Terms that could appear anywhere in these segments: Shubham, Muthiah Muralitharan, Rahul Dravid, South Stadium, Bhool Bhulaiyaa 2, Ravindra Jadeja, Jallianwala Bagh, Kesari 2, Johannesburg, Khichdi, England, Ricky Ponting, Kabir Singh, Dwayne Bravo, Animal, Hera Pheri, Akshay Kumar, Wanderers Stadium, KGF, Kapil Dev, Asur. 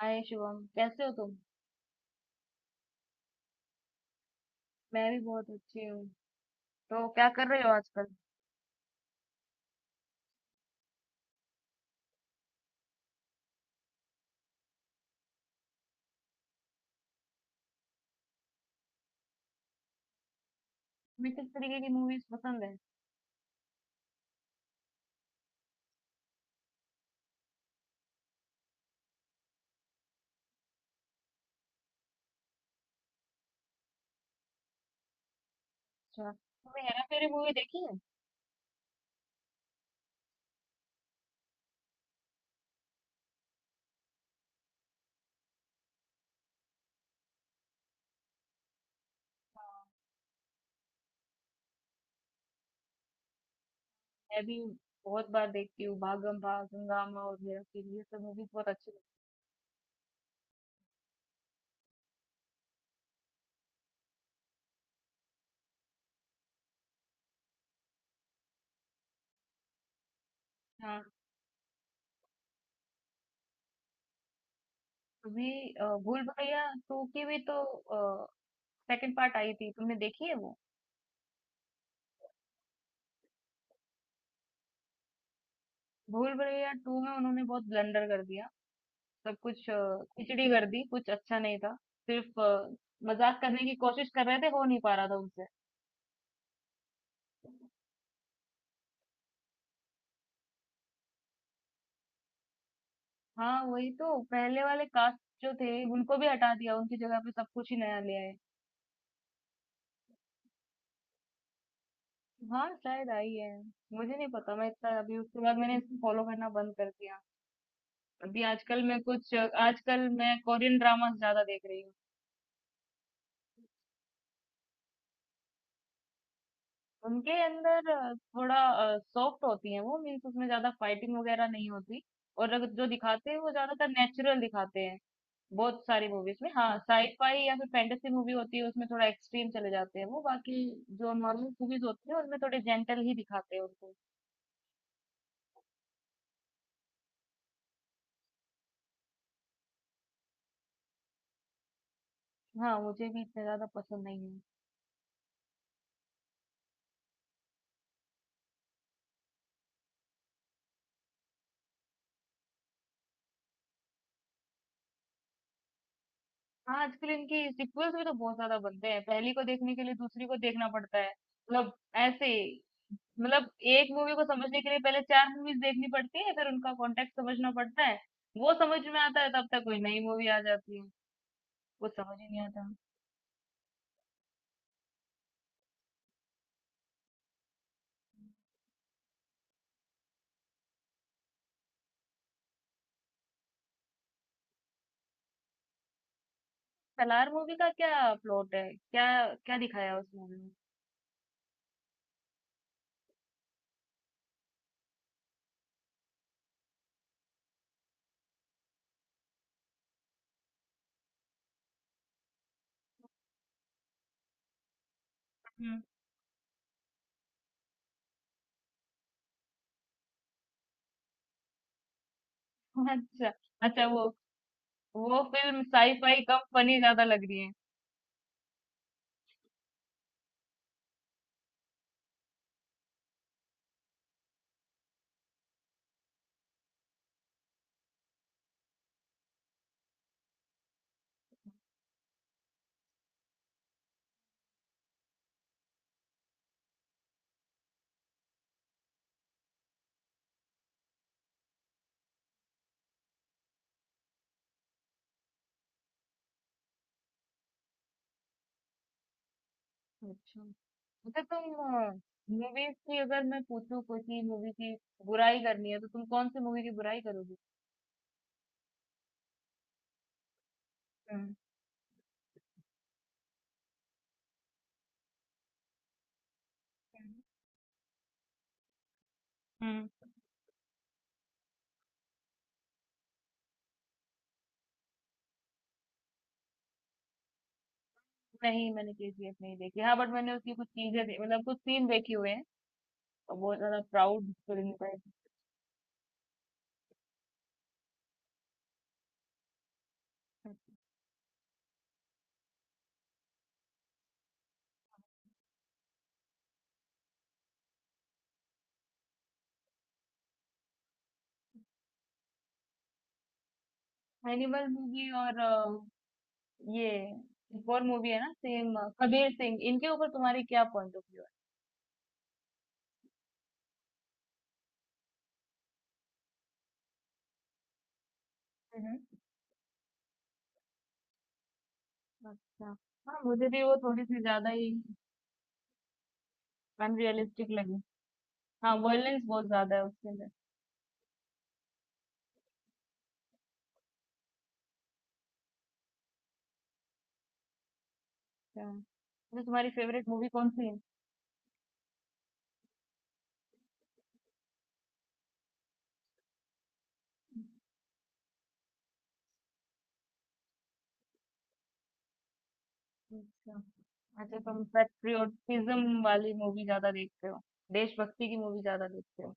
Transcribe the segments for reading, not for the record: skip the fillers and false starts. हाय शुभम, कैसे हो तुम? मैं भी बहुत अच्छी हूँ। तो क्या कर रहे हो आजकल? तुम्हें किस तरीके की मूवीज पसंद है? अच्छा, तुमने हेरा फेरी मूवी देखी है? मैं भी बहुत बार देखती हूँ। भागम भाग, हंगामा और हेरा फेरी, ये सब मूवीज बहुत अच्छी लगती है। हाँ, तुम्हें भूल भुलैया टू की भी तो सेकंड पार्ट आई थी, तुमने देखी है वो? भूल भुलैया टू में उन्होंने बहुत ब्लंडर कर दिया। सब कुछ खिचड़ी कर दी, कुछ अच्छा नहीं था। सिर्फ मजाक करने की कोशिश कर रहे थे, हो नहीं पा रहा था उनसे। हाँ, वही तो पहले वाले कास्ट जो थे उनको भी हटा दिया, उनकी जगह पे सब कुछ ही नया ले आए। हाँ, शायद आई है। मुझे नहीं पता, मैं इतना अभी उसके बाद मैंने इसको फॉलो करना बंद कर दिया। अभी आजकल मैं कोरियन ड्रामास ज्यादा देख रही हूँ। उनके अंदर थोड़ा सॉफ्ट होती है वो। मीन्स उसमें ज्यादा फाइटिंग वगैरह नहीं होती। और अगर जो दिखाते हैं वो ज्यादातर नेचुरल दिखाते हैं। बहुत सारी मूवीज में, हाँ, साईफाई या फिर फैंटेसी मूवी होती है उसमें थोड़ा एक्सट्रीम चले जाते हैं वो। बाकी जो नॉर्मल मूवीज होती है उनमें थोड़े जेंटल ही दिखाते हैं उनको। हाँ, मुझे भी इतने ज्यादा पसंद नहीं है। हाँ, आजकल इनकी सीक्वल्स भी तो बहुत ज्यादा बनते हैं, पहली को देखने के लिए दूसरी को देखना पड़ता है। मतलब ऐसे ही। मतलब एक मूवी को समझने के लिए पहले चार मूवीज देखनी पड़ती है, फिर उनका कॉन्टेक्स्ट समझना पड़ता है। वो समझ में आता है तब तक कोई नई मूवी आ जाती है। कुछ समझ ही नहीं आता। सलार मूवी का क्या प्लॉट है? क्या क्या दिखाया है उस मूवी में? हुँ। अच्छा, अच्छा, वो फ़िल्म साइ-फाई कम फ़नी ज़्यादा लग रही है। अच्छा, अच्छा, तुम मूवीज़ की अगर मैं पूछूँ, कोई सी मूवी की बुराई करनी है, तो तुम कौन-सी मूवी की बुराई करोगी? हुँ, हुँ। नहीं, मैंने केजीएफ नहीं देखी। हाँ, बट मैंने उसकी कुछ चीज़ें दे मतलब कुछ सीन देखे हुए हैं। और बहुत ज़्यादा प्राउड फ़िल्म है। एनिमल मूवी और ये एक और मूवी है ना, सेम कबीर सिंह, इनके ऊपर तुम्हारी क्या पॉइंट ऑफ व्यू है? अच्छा, हाँ, मुझे भी वो थोड़ी सी ज्यादा ही अनरियलिस्टिक लगी। हाँ, वॉयलेंस बहुत ज्यादा है उसके अंदर। अच्छा, तो तुम्हारी फेवरेट मूवी कौन सी है? अच्छा, अच्छा, तुम पेट्रियोटिज्म वाली मूवी ज्यादा देखते हो? देशभक्ति की मूवी ज्यादा देखते हो?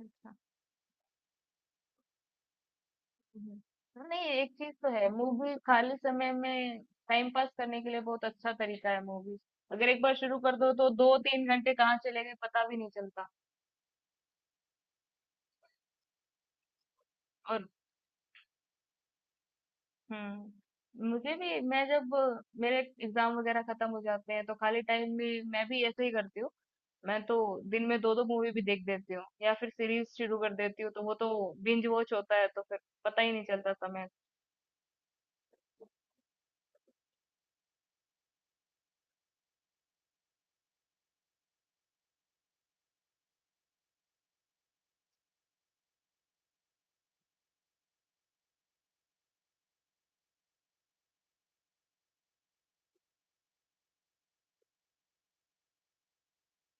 अच्छा। हम्म। हाँ, नहीं, एक चीज तो है, मूवी खाली समय में टाइम पास करने के लिए बहुत अच्छा तरीका है मूवी। अगर एक बार शुरू कर दो तो दो तीन घंटे कहाँ चले गए पता भी नहीं चलता। और हम्म, मुझे भी, मैं जब मेरे एग्जाम वगैरह खत्म हो जाते हैं तो खाली टाइम में मैं भी ऐसे ही करती हूँ। मैं तो दिन में दो दो मूवी भी देख देती हूँ या फिर सीरीज शुरू कर देती हूँ, तो वो तो बिंज वॉच होता है, तो फिर पता ही नहीं चलता समय।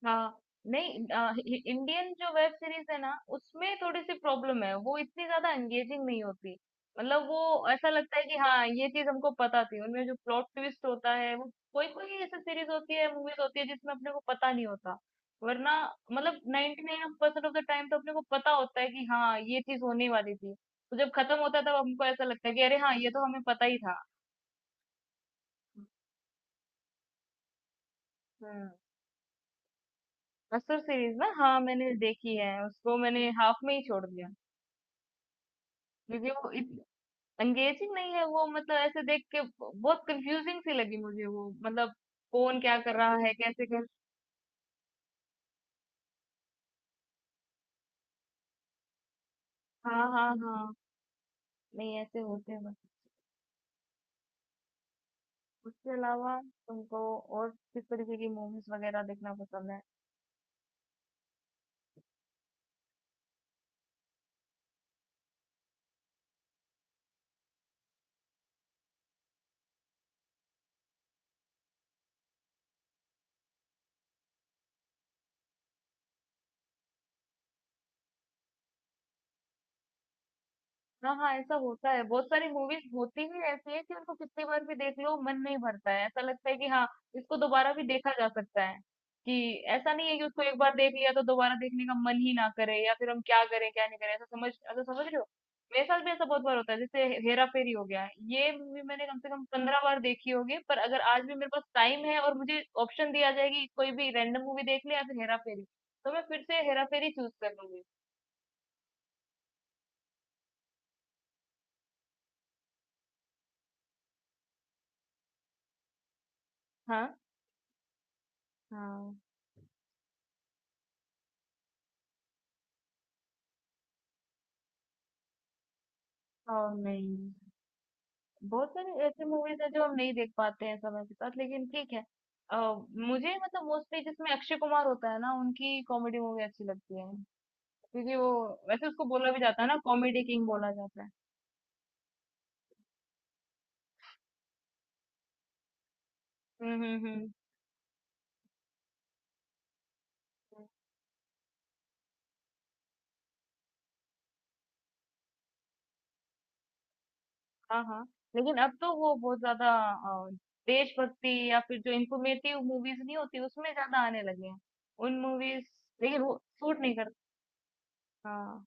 हाँ, नहीं, हि- हि- इंडियन जो वेब सीरीज है ना उसमें थोड़ी सी प्रॉब्लम है, वो इतनी ज्यादा एंगेजिंग नहीं होती। मतलब वो ऐसा लगता है कि हाँ ये चीज हमको पता थी। उनमें जो प्लॉट ट्विस्ट होता है वो, कोई कोई ऐसी सीरीज होती है, मूवीज होती है जिसमें अपने को पता नहीं होता। वरना, मतलब 99% nine percent of the time तो अपने को पता होता है कि हाँ ये चीज होने वाली थी, तो जब खत्म होता है तब हमको ऐसा लगता है कि अरे हाँ, ये तो हमें पता ही था। हम्म। असुर सीरीज ना, हाँ, मैंने देखी है उसको, मैंने हाफ में ही छोड़ दिया क्योंकि वो एंगेजिंग नहीं है वो। मतलब ऐसे देख के बहुत कंफ्यूजिंग सी लगी मुझे वो। मतलब कौन क्या कर रहा है, कैसे कर, हाँ, हाँ, हाँ, नहीं ऐसे होते हैं बस। उसके अलावा तुमको और किस तरीके की मूवीज वगैरह देखना पसंद है? हाँ, हाँ, ऐसा होता है, बहुत सारी मूवीज होती ही ऐसी है कि उनको कितनी बार भी देख लो मन नहीं भरता है, ऐसा लगता है कि हाँ, इसको दोबारा भी देखा जा सकता है, कि ऐसा नहीं है कि उसको एक बार देख लिया तो दोबारा देखने का मन ही ना करे, या फिर हम क्या करें क्या नहीं करें, ऐसा समझ रहे हो? मेरे साथ भी ऐसा बहुत बार होता है, जैसे हेरा फेरी हो गया, ये मूवी मैंने कम से कम 15 बार देखी होगी, पर अगर आज भी मेरे पास टाइम है और मुझे ऑप्शन दिया जाए कि कोई भी रैंडम मूवी देख ले या फिर हेरा फेरी, तो मैं फिर से हेरा फेरी चूज कर लूंगी। हाँ, हाँ। और नहीं, बहुत सारी ऐसी मूवीज़ हैं जो हम नहीं देख पाते हैं समय के साथ, लेकिन ठीक है। अ, मुझे मतलब मोस्टली जिसमें अक्षय कुमार होता है ना, उनकी कॉमेडी मूवी अच्छी लगती है। क्योंकि वो, वैसे उसको बोला भी जाता है ना, कॉमेडी किंग बोला जाता है। हुँ, हुँ, हुँ। हुँ, हाँ, हाँ। लेकिन अब तो वो बहुत ज़्यादा अ, देशभक्ति या फिर जो इन्फॉर्मेटिव मूवीज़ नहीं होती उसमें ज़्यादा आने लगे हैं। उन मूवीज़ लेकिन वो सूट नहीं करता। हाँ।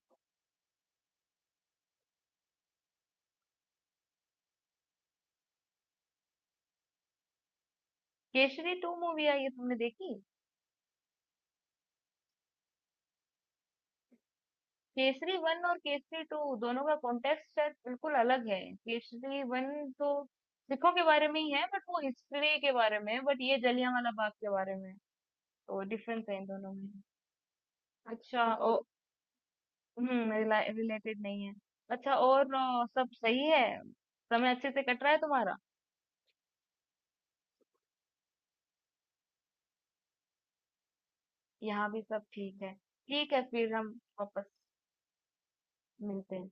केसरी 2 मूवी आई है, तुमने देखी? केसरी वन और केसरी टू दोनों का कॉन्टेक्स्ट शायद बिल्कुल अलग है। केसरी वन तो सिखों के बारे में ही है, बट वो हिस्ट्री के बारे में है, बट ये जलियांवाला बाग के बारे में है। तो डिफरेंस है इन दोनों में। अच्छा। ओ, हम्म, रिलेटेड नहीं है। अच्छा, और सब सही है? समय अच्छे से कट रहा है तुम्हारा? यहाँ भी सब ठीक है। ठीक है, फिर हम वापस मिलते हैं।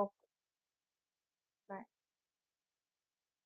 Okay, bye.